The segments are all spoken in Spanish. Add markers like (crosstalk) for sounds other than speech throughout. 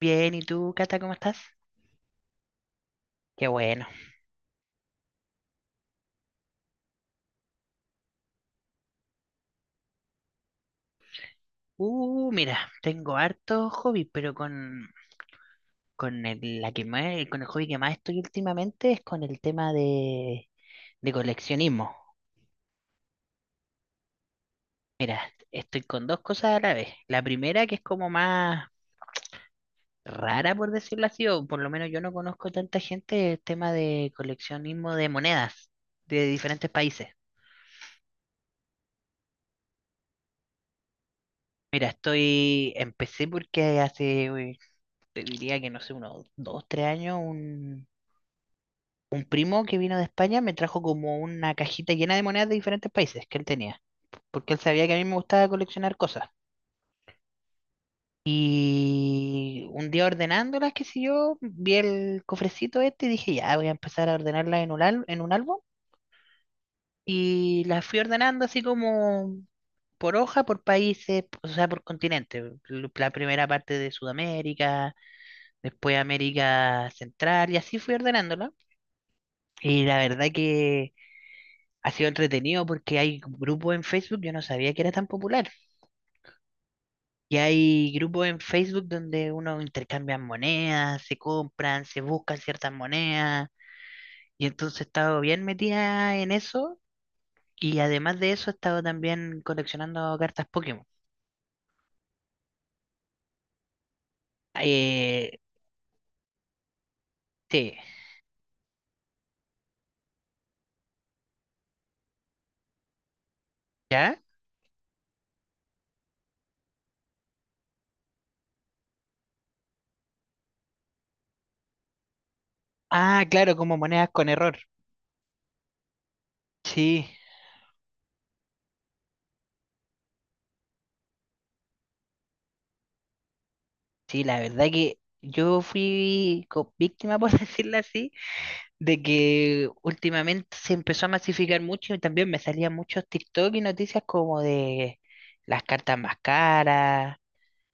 Bien, ¿y tú, Cata, cómo estás? Qué bueno. Mira, tengo hartos hobbies, pero con el, con el hobby que más estoy últimamente es con el tema de coleccionismo. Mira, estoy con dos cosas a la vez. La primera, que es como más rara, por decirlo así, o por lo menos yo no conozco tanta gente, el tema de coleccionismo de monedas de diferentes países. Mira, estoy, empecé porque hace, uy, te diría que no sé, unos 2, 3 años. Un primo que vino de España me trajo como una cajita llena de monedas de diferentes países que él tenía, porque él sabía que a mí me gustaba coleccionar cosas. Y un día ordenándolas, qué sé yo, vi el cofrecito este y dije, ya, voy a empezar a ordenarlas en en un álbum. Y las fui ordenando así como por hoja, por países, o sea, por continente. La primera parte de Sudamérica, después América Central, y así fui ordenándola. Y la verdad que ha sido entretenido porque hay grupos en Facebook, yo no sabía que era tan popular. Y hay grupos en Facebook donde uno intercambia monedas, se compran, se buscan ciertas monedas. Y entonces he estado bien metida en eso. Y además de eso, he estado también coleccionando cartas Pokémon. Eh, sí, ¿ya? Ah, claro, como monedas con error. Sí, sí, la verdad que yo fui víctima, por (laughs) decirlo así de que últimamente se empezó a masificar mucho y también me salían muchos TikTok y noticias como de las cartas más caras,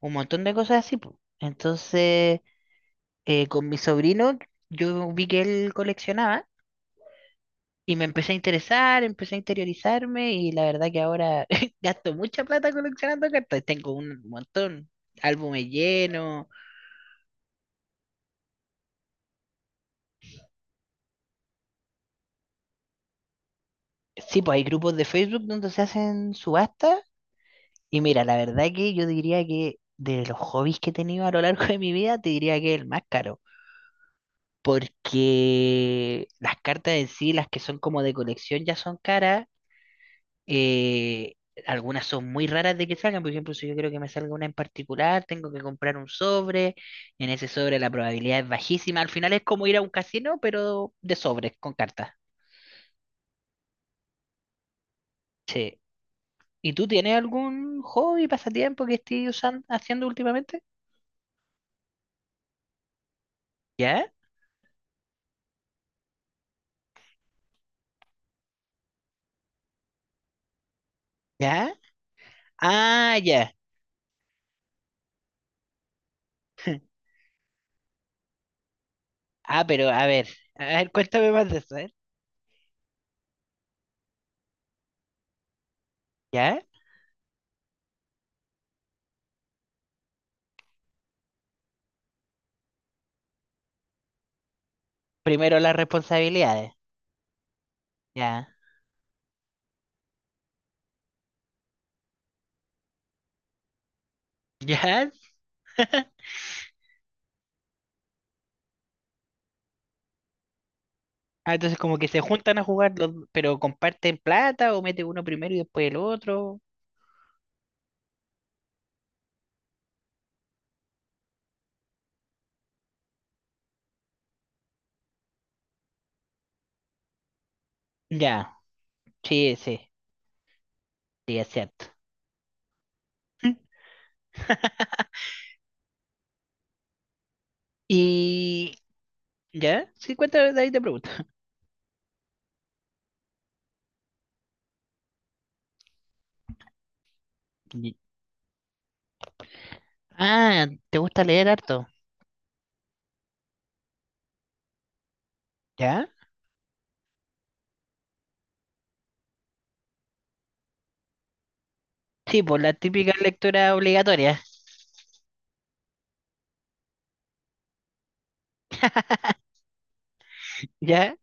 un montón de cosas así, po. Entonces, con mi sobrino, yo vi que él coleccionaba y me empecé a interesar, empecé a interiorizarme y la verdad que ahora (laughs) gasto mucha plata coleccionando cartas. Tengo un montón, álbumes llenos. Sí, pues hay grupos de Facebook donde se hacen subastas. Y mira, la verdad que yo diría que de los hobbies que he tenido a lo largo de mi vida, te diría que es el más caro. Porque las cartas en sí, las que son como de colección, ya son caras. eh, Algunas son muy raras de que salgan. Por ejemplo, si yo creo que me salga una en particular, tengo que comprar un sobre. En ese sobre la probabilidad es bajísima. Al final es como ir a un casino, pero de sobres, con cartas. Sí. ¿Y tú tienes algún hobby, pasatiempo que estés usando, haciendo últimamente? ¿Ya? ¿Ya? Ah, ya. Ah, pero a ver, cuéntame más de eso, ¿eh? ¿Ya? Primero las responsabilidades, ¿ya? ¿Ya? Ah, entonces como que se juntan a jugar, los- pero comparten plata o mete uno primero y después el otro. Ya, sí, sí, sí, es cierto. (laughs) Y... ¿Ya? Sí, cuéntame, de ahí te pregunto. (laughs) Y- Ah, ¿te gusta leer harto? ¿Ya? Sí, por la típica lectura obligatoria, ¿ya?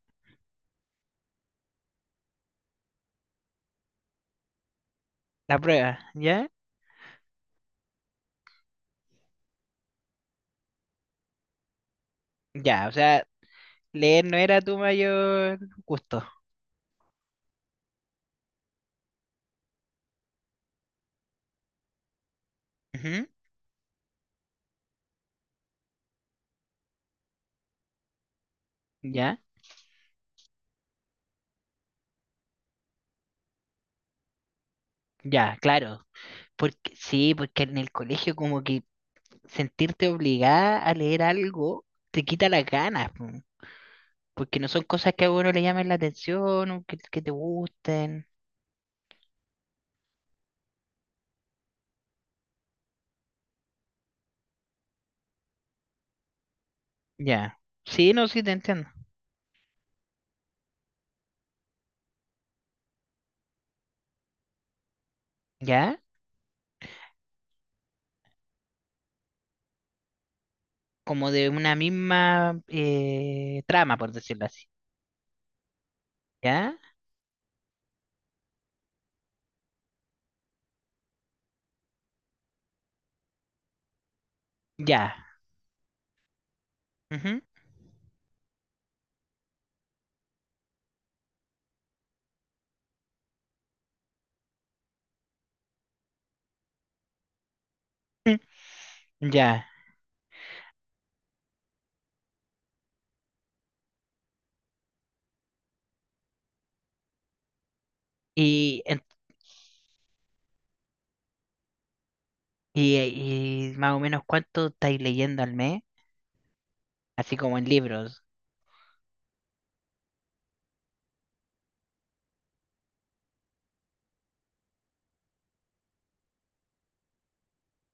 La prueba, ¿ya? Ya, o sea, leer no era tu mayor gusto. ¿Ya? Ya, claro. Porque, sí, porque en el colegio como que sentirte obligada a leer algo te quita las ganas, po, porque no son cosas que a uno le llamen la atención o que te gusten. Ya. Sí, no, sí, te entiendo. ¿Ya? Como de una misma trama, por decirlo así. ¿Ya? Ya. Ujú. Mm, ya. Y, y, y más o menos cuánto estáis leyendo al mes, así como en libros.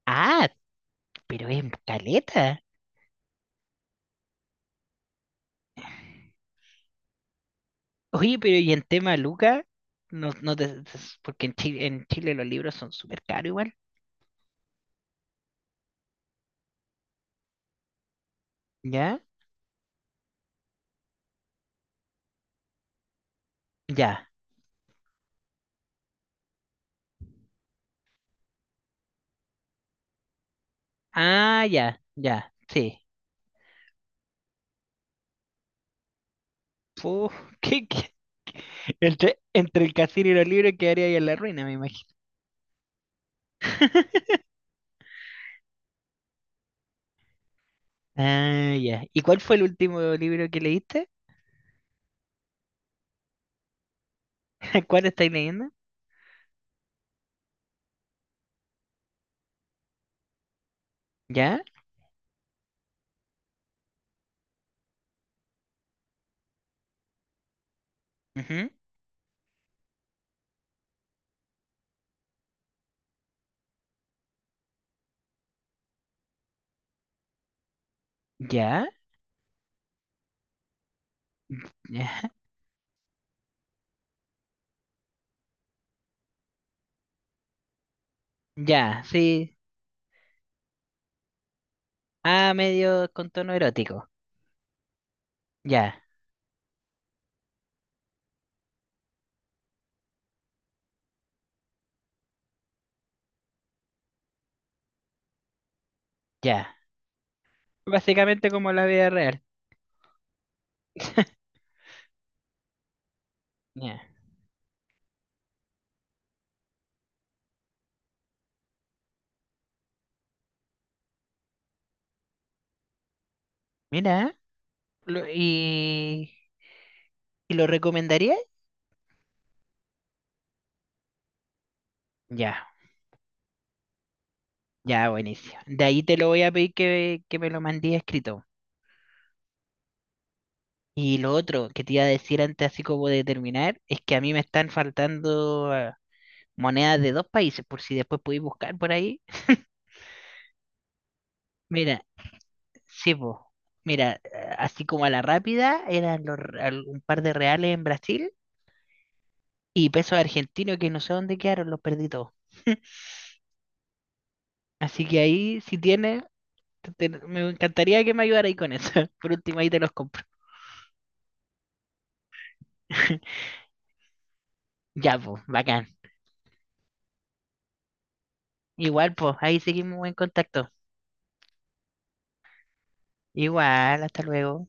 Ah, pero es caleta. Oye, pero y en tema Luca, no, porque en Chile los libros son súper caros igual. ¿Ya? Ya. Ah, ya, ya, sí. Uf, (laughs) ¿qué- qué? Entre, entre el casino y los libros quedaría ahí en la ruina, me imagino. (laughs) Ah, ya. ¿Y cuál fue el último libro que leíste? (laughs) ¿Cuál estáis leyendo? ¿Ya? Ujú. ¿Ya? ¿Ya? (laughs) Ya, sí. Ah, medio con tono erótico. Ya, ya. Básicamente como la vida real. (laughs) Ya. Mira. Lo- y, ¿y lo recomendarías? Ya, ya, buenísimo. De ahí te lo voy a pedir que me lo mandí escrito. Y lo otro que te iba a decir antes, así como de terminar, es que a mí me están faltando monedas de dos países, por si después podéis buscar por ahí. (laughs) Mira, sí, po. Mira, así como a la rápida, eran un par de reales en Brasil y pesos argentinos que no sé dónde quedaron, los perdí todos. Así que ahí, si tienes, me encantaría que me ayudara ahí con eso. (laughs) Por último, ahí te los compro. (laughs) Ya, pues, bacán. Igual, pues, ahí seguimos en contacto. Igual, hasta luego.